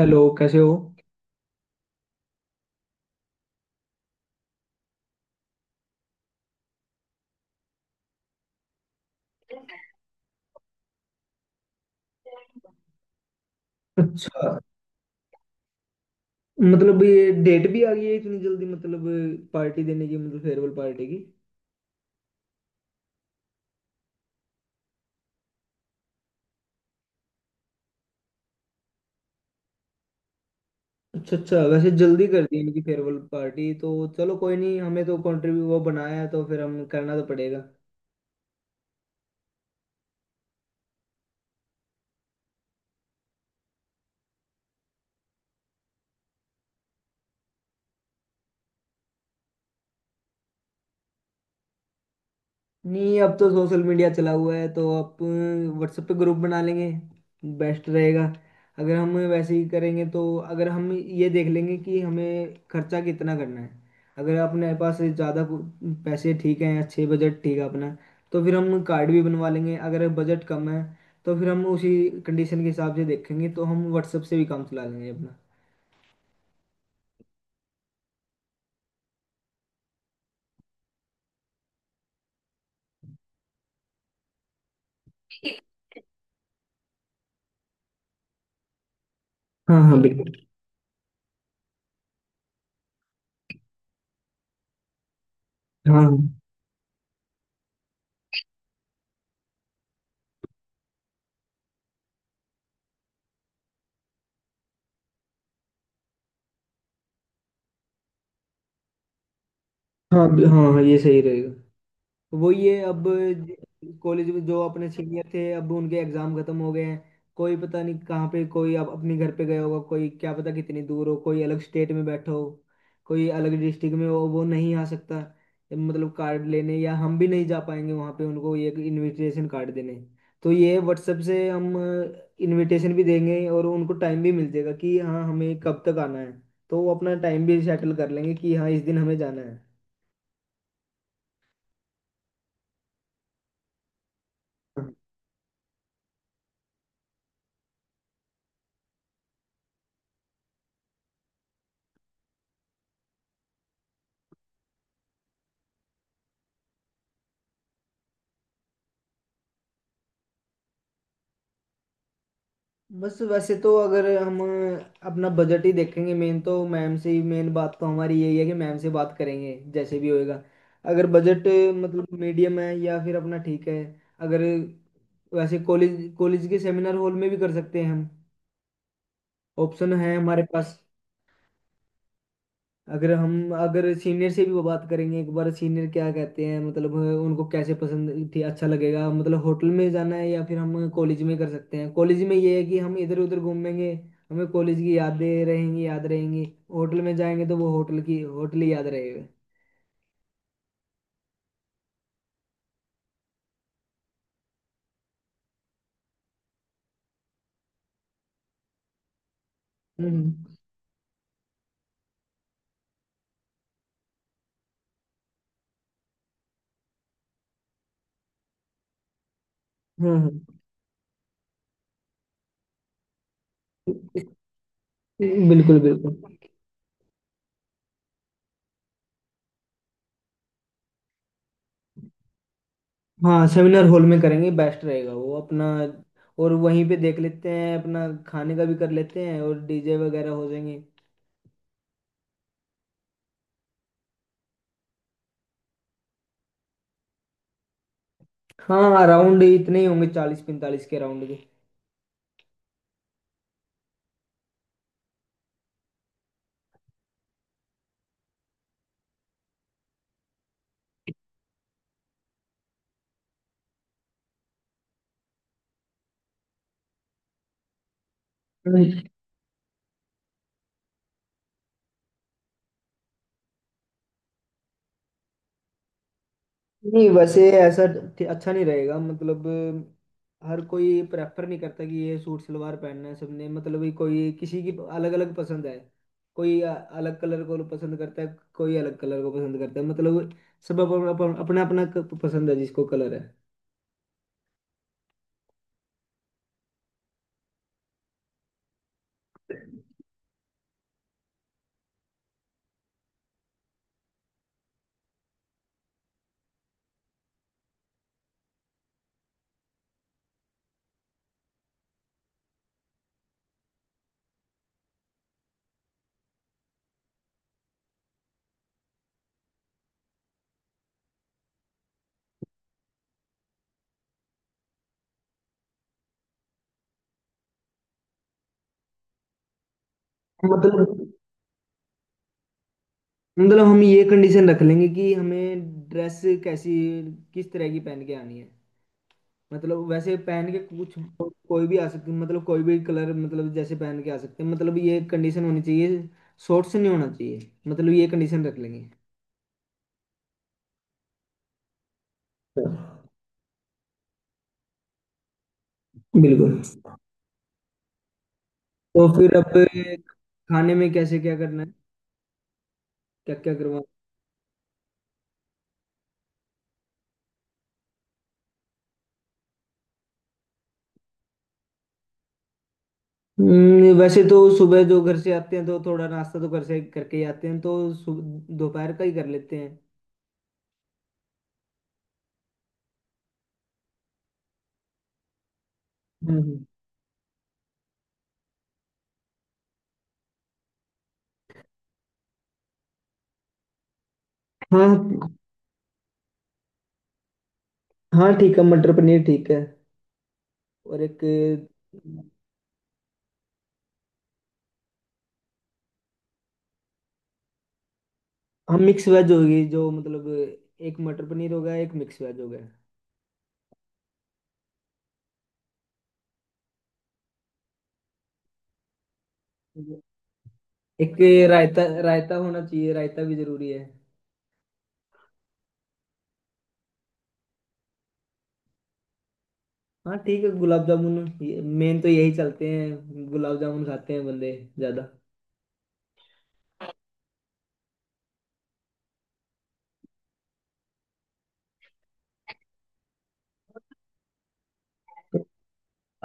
Hello, कैसे हो? अच्छा। मतलब ये डेट भी आ गई है इतनी जल्दी, मतलब पार्टी देने की, मतलब फेयरवेल पार्टी की। अच्छा अच्छा, वैसे जल्दी कर दी इनकी फेयरवेल पार्टी तो। चलो कोई नहीं, हमें तो कंट्रीब्यू वो बनाया है तो फिर हम करना तो पड़ेगा। नहीं, अब तो सोशल मीडिया चला हुआ है तो आप व्हाट्सएप पे ग्रुप बना लेंगे, बेस्ट रहेगा। अगर हम वैसे ही करेंगे तो अगर हम ये देख लेंगे कि हमें खर्चा कितना करना है। अगर अपने पास ज़्यादा पैसे ठीक हैं, अच्छे बजट ठीक है अपना, तो फिर हम कार्ड भी बनवा लेंगे। अगर बजट कम है तो फिर हम उसी कंडीशन के हिसाब से देखेंगे, तो हम व्हाट्सएप से भी काम चला लेंगे अपना। हाँ हाँ, बिल्कुल। हाँ हाँ। हाँ हाँ हाँ, ये सही रहेगा। वो ये अब, कॉलेज में जो अपने सीनियर थे, अब उनके एग्जाम खत्म हो गए हैं। कोई पता नहीं कहाँ पे कोई, अब अपने घर पे गया होगा, कोई क्या पता कितनी दूर हो, कोई अलग स्टेट में बैठा हो, कोई अलग डिस्ट्रिक्ट में हो, वो नहीं आ सकता मतलब कार्ड लेने, या हम भी नहीं जा पाएंगे वहाँ पे उनको ये इनविटेशन कार्ड देने। तो ये व्हाट्सएप से हम इनविटेशन भी देंगे और उनको टाइम भी मिल जाएगा कि हाँ हमें कब तक आना है। तो वो अपना टाइम भी सेटल कर लेंगे कि हाँ इस दिन हमें जाना है। बस वैसे तो अगर हम अपना बजट ही देखेंगे मेन, तो मैम से ही मेन बात तो हमारी यही है कि मैम से बात करेंगे, जैसे भी होएगा। अगर बजट मतलब मीडियम है या फिर अपना ठीक है। अगर वैसे कॉलेज, कॉलेज के सेमिनार हॉल में भी कर सकते हैं हम, ऑप्शन है हमारे पास। अगर हम, अगर सीनियर से भी वो बात करेंगे एक बार, सीनियर क्या कहते हैं, मतलब उनको कैसे पसंद थी, अच्छा लगेगा मतलब होटल में जाना है या फिर हम कॉलेज में कर सकते हैं। कॉलेज में ये है कि हम इधर उधर घूमेंगे, हमें कॉलेज की यादें रहेंगी, याद रहेंगी। होटल में जाएंगे तो वो होटल की, होटल ही याद रहेगा। हम्म। हम्म। बिल्कुल बिल्कुल। हाँ सेमिनार हॉल में करेंगे, बेस्ट रहेगा वो अपना। और वहीं पे देख लेते हैं अपना, खाने का भी कर लेते हैं, और डीजे वगैरह हो जाएंगे। हाँ, राउंड इतने ही होंगे, 40 45 के राउंड के। हम्म। नहीं वैसे ऐसा अच्छा नहीं रहेगा मतलब। हर कोई प्रेफर नहीं करता कि ये सूट सलवार पहनना है सबने, मतलब ये कोई किसी की, अलग अलग पसंद है। कोई अलग कलर को पसंद करता है, कोई अलग कलर को पसंद करता है, मतलब सब अपना अपना अपना अपना पसंद है जिसको कलर है। मतलब, मतलब हम ये कंडीशन रख लेंगे कि हमें ड्रेस कैसी, किस तरह की पहन के आनी है। मतलब वैसे पहन के कुछ, कोई भी आ सकती, मतलब कोई भी कलर मतलब जैसे पहन के आ सकते हैं, मतलब ये कंडीशन होनी चाहिए। शॉर्ट्स नहीं होना चाहिए, मतलब ये कंडीशन रख लेंगे। बिल्कुल। तो फिर अब खाने में कैसे क्या करना है, क्या क्या करवा। वैसे तो सुबह जो घर से आते हैं तो थोड़ा नाश्ता तो घर से करके ही आते हैं, तो दोपहर का ही कर लेते हैं। हम्म। हाँ हाँ ठीक है, मटर पनीर ठीक है। और एक, हाँ मिक्स वेज होगी जो मतलब, एक मटर पनीर होगा, एक मिक्स वेज होगा। एक रायता, रायता होना चाहिए, रायता भी जरूरी है। हाँ ठीक है, गुलाब जामुन, ये मेन तो यही चलते हैं, गुलाब जामुन खाते हैं बंदे ज्यादा।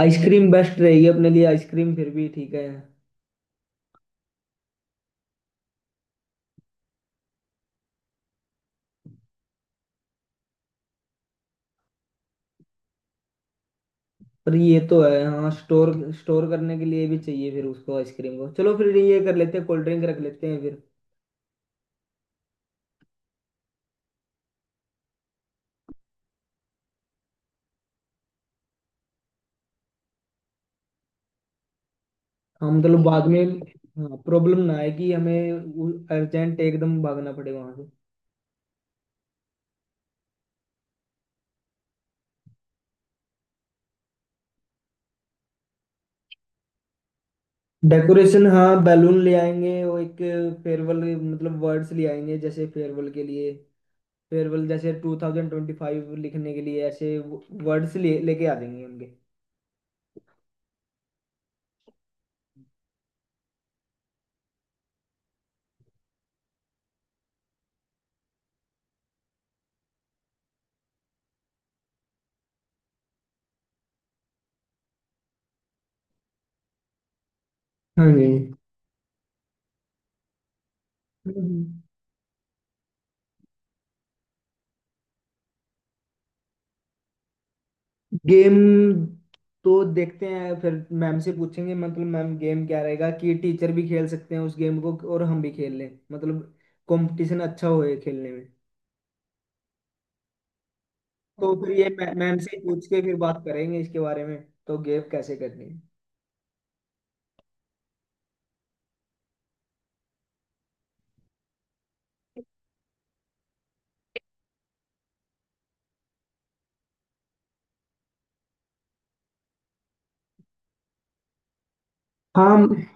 आइसक्रीम बेस्ट रहेगी अपने लिए, आइसक्रीम फिर भी ठीक है। पर ये तो है हाँ, स्टोर स्टोर करने के लिए भी चाहिए फिर उसको आइसक्रीम को, चलो फिर ये कर लेते हैं, कोल्ड ड्रिंक रख लेते हैं फिर। हाँ मतलब बाद में प्रॉब्लम ना आए कि हमें अर्जेंट एकदम भागना पड़े वहां से। डेकोरेशन, हाँ बैलून ले आएंगे, और एक फेयरवेल मतलब वर्ड्स ले आएंगे, जैसे फेयरवेल के लिए, फेयरवेल जैसे 2025 लिखने के लिए, ऐसे वर्ड्स ले लेके आ जाएंगे उनके। हाँ जी। गेम, तो देखते हैं फिर, मैम से पूछेंगे, मतलब मैम गेम क्या रहेगा कि टीचर भी खेल सकते हैं उस गेम को और हम भी खेल लें, मतलब कंपटीशन अच्छा होए खेलने में। तो फिर ये मैम से ही पूछ के फिर बात करेंगे इसके बारे में। तो गेव कैसे करनी है। हाँ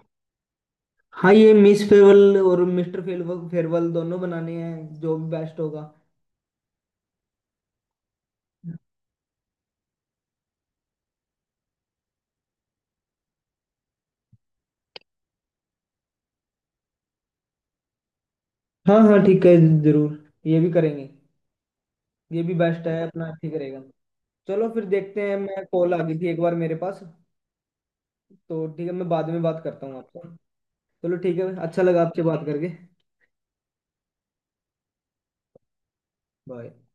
हाँ, ये मिस फेयरवेल और मिस्टर फेयरवेल फेयरवेल दोनों बनाने हैं जो भी बेस्ट होगा। हाँ हाँ ठीक है, जरूर। ये भी करेंगे, ये भी बेस्ट है अपना, ठीक रहेगा। चलो फिर देखते हैं, मैं, कॉल आ गई थी एक बार मेरे पास, तो ठीक है, मैं बाद में बात करता हूँ आपसे। चलो ठीक है, अच्छा लगा आपसे बात करके। बाय।